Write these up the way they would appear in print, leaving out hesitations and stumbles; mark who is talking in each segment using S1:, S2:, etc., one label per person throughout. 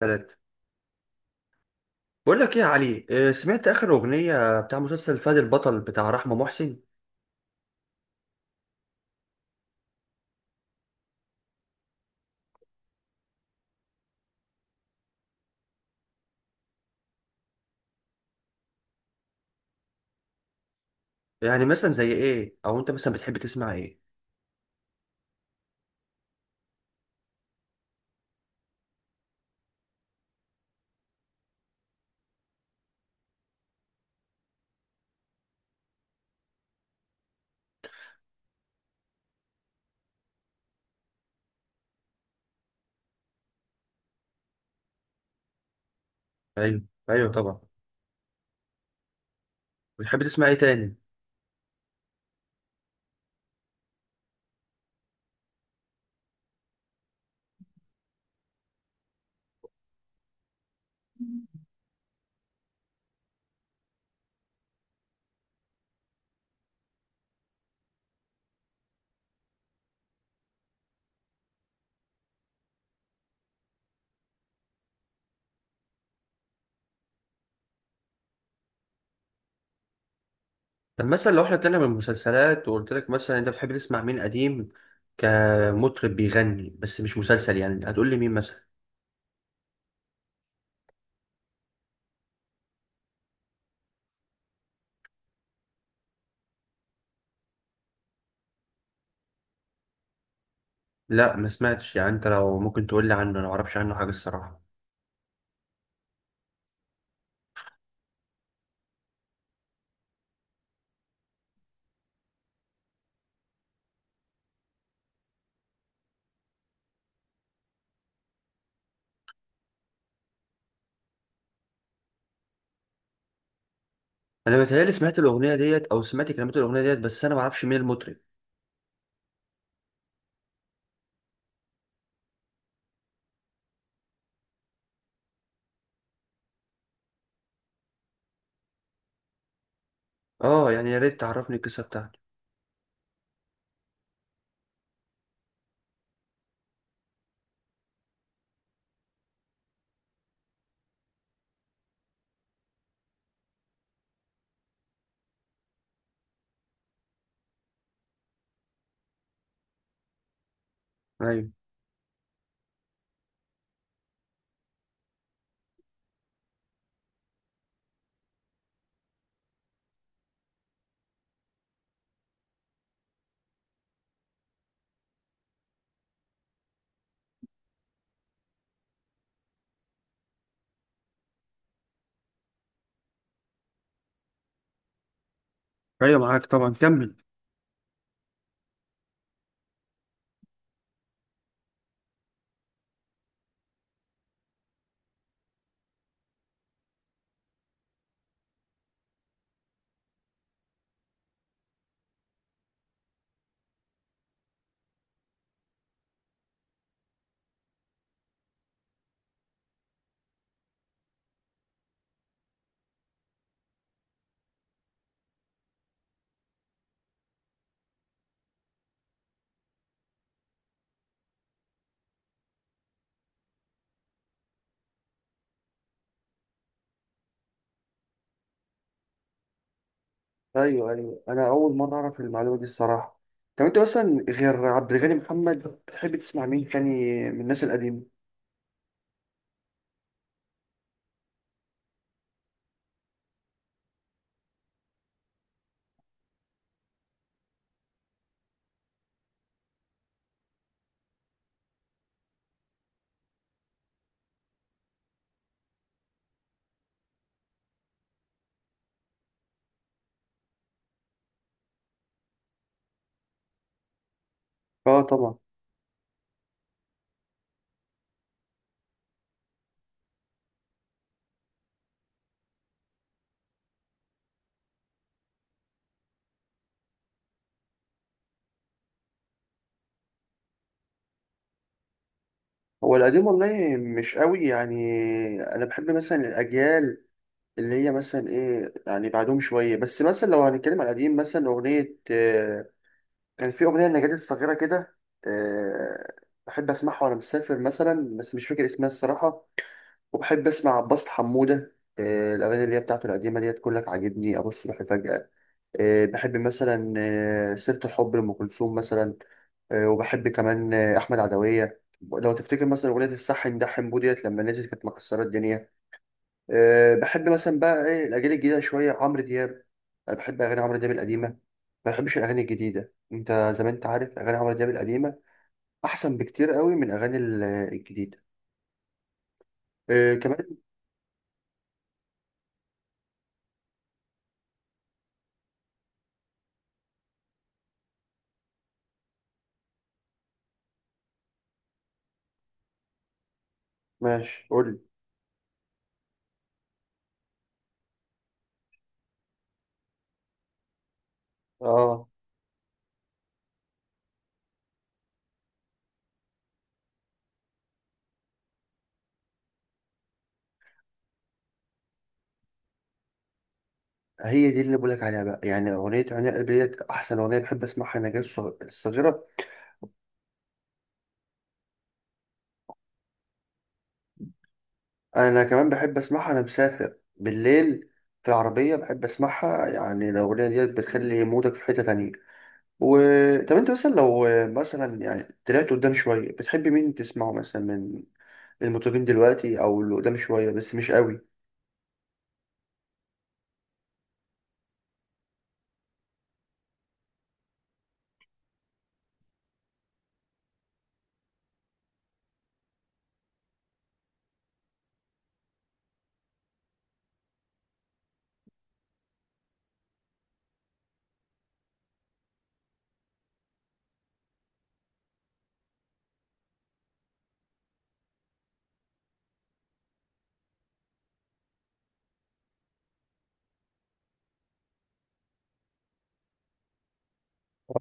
S1: ثلاثة. بقول لك ايه يا علي، سمعت اخر اغنية بتاع مسلسل فهد البطل بتاع رحمة محسن؟ يعني مثلا زي ايه، او انت مثلا بتحب تسمع ايه؟ ايوه، ايوه، طبعا. بتحب تسمع ايه تاني؟ طب مثلا لو احنا طلعنا من المسلسلات وقلت لك مثلا انت بتحب تسمع مين قديم، كمطرب بيغني بس مش مسلسل، يعني هتقول لي مين مثلا؟ لا، ما سمعتش. يعني انت لو ممكن تقول لي عنه، انا ما اعرفش عنه حاجة الصراحة. انا متهيألي سمعت الاغنية ديت او سمعت كلمات الاغنية ديت، بس انا ما اعرفش مين المطرب. اه، يعني يا ريت تعرفني القصة بتاعته. أيوة. ايوه، معاك طبعا. كمل. ايوه، ايوه، انا اول مره اعرف المعلومه دي الصراحه. طب انت مثلا غير عبد الغني محمد، بتحب تسمع مين تاني من الناس القديمه؟ اه، طبعا. هو القديم والله مش قوي يعني. انا بحب مثلا الاجيال اللي هي مثلا ايه، يعني بعدهم شويه. بس مثلا لو هنتكلم على القديم، مثلا اغنيه آه، كان في اغنيه لنجاة الصغيره كده. آه، بحب اسمعها وانا مسافر مثلا، بس مش فاكر اسمها الصراحه. وبحب اسمع عباس حمودة. الأغاني اللي هي بتاعته القديمة ديت، كلك عاجبني، أبص روحي، فجأة. بحب مثلا سيرة الحب لأم كلثوم مثلا. وبحب كمان أحمد عدوية. لو تفتكر مثلا أغنية الصح ده حمبو ديت لما نزلت كانت مكسرة الدنيا. بحب مثلا بقى إيه الأجيال الجديدة شوية، عمرو دياب. أنا بحب أغاني عمرو دياب القديمة، ما بحبش الأغاني الجديدة. أنت زي ما أنت عارف، أغاني عمرو دياب القديمة أحسن بكتير قوي من أغاني الجديدة. كمان. ماشي، قول لي. اه، هي دي اللي بقولك عليها بقى. يعني أغنية عناء قلبي ديت أحسن أغنية بحب أسمعها. أنا جاي الصغيرة. أنا كمان بحب أسمعها أنا مسافر بالليل في العربية، بحب أسمعها. يعني الأغنية ديت بتخلي مودك في حتة تانية و. طب أنت مثلا لو مثلا يعني طلعت قدام شوية، بتحب مين تسمعه مثلا من المطربين دلوقتي أو اللي قدام شوية بس مش قوي؟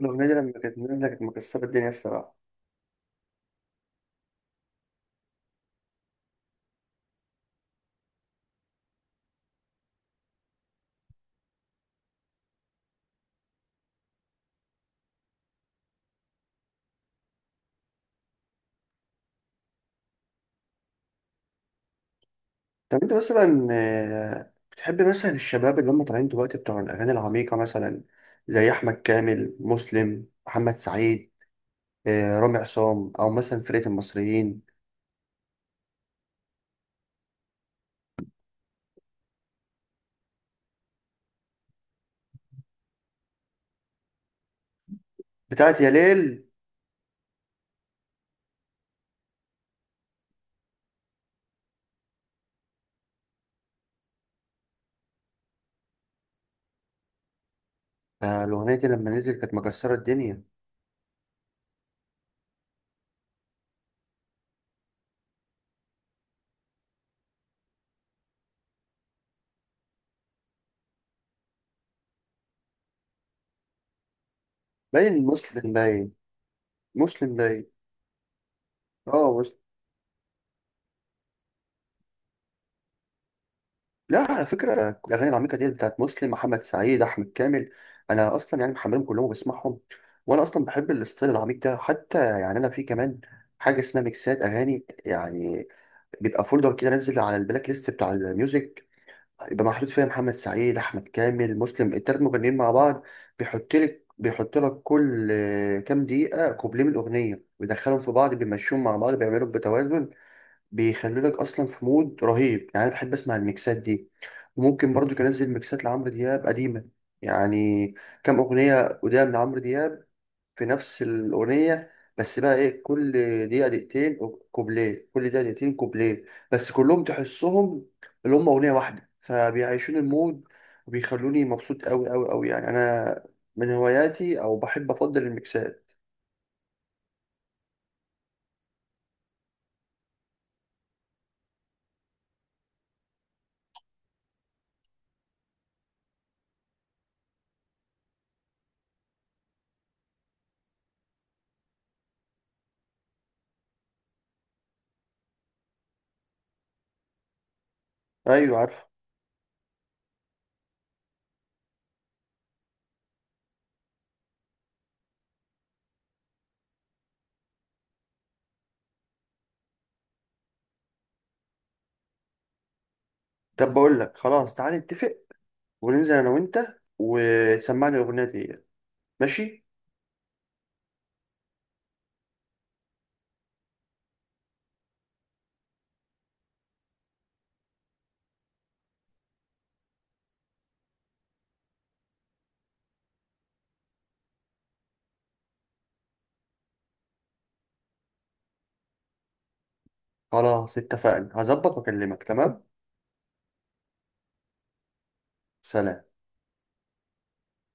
S1: الأغنية دي لما كانت نازلة كانت مكسرة الدنيا الصراحة. طب انت مثلا بتحب مثلا الشباب اللي هم طالعين دلوقتي بتوع الاغاني العميقه مثلا، زي احمد كامل، مسلم، محمد سعيد، رامي عصام، او مثلا فرقه المصريين؟ بتاعت يا ليل. الاغنيه دي لما نزلت كانت مكسره الدنيا. باين مسلم باين. مسلم باين. اه، مسلم. لا، على فكره الاغاني العميقه دي بتاعت مسلم، محمد سعيد، احمد كامل، انا اصلا يعني محملهم كلهم وبسمعهم. وانا اصلا بحب الاستايل العميق ده، حتى يعني انا في كمان حاجه اسمها ميكسات اغاني يعني. بيبقى فولدر كده نزل على البلاك ليست بتاع الميوزك، يبقى محطوط فيها محمد سعيد، احمد كامل، مسلم، التلات مغنيين مع بعض. بيحط لك كل كام دقيقة كوبليه من الأغنية، ويدخلهم في بعض، بيمشيهم مع بعض، بيعملوا بتوازن. بيخلوا لك أصلا في مود رهيب، يعني أنا بحب أسمع الميكسات دي. وممكن برضو كان أنزل ميكسات لعمرو دياب قديمة، يعني كام أغنية قدام لعمرو دياب في نفس الأغنية، بس بقى إيه، كل دقيقة دقيقتين كوبليه، كل دقيقة دقيقتين كوبليه، بس كلهم تحسهم اللي هم أغنية واحدة، فبيعيشون المود. وبيخلوني مبسوط أوي أوي أوي، يعني أنا من هواياتي أو بحب أفضل الميكسات. أيوة، عارف. طب بقول لك خلاص، تعالى نتفق وننزل أنا وأنت وتسمعني الأغنية دي. ماشي. خلاص اتفقنا، هظبط وأكلمك. تمام. سلام.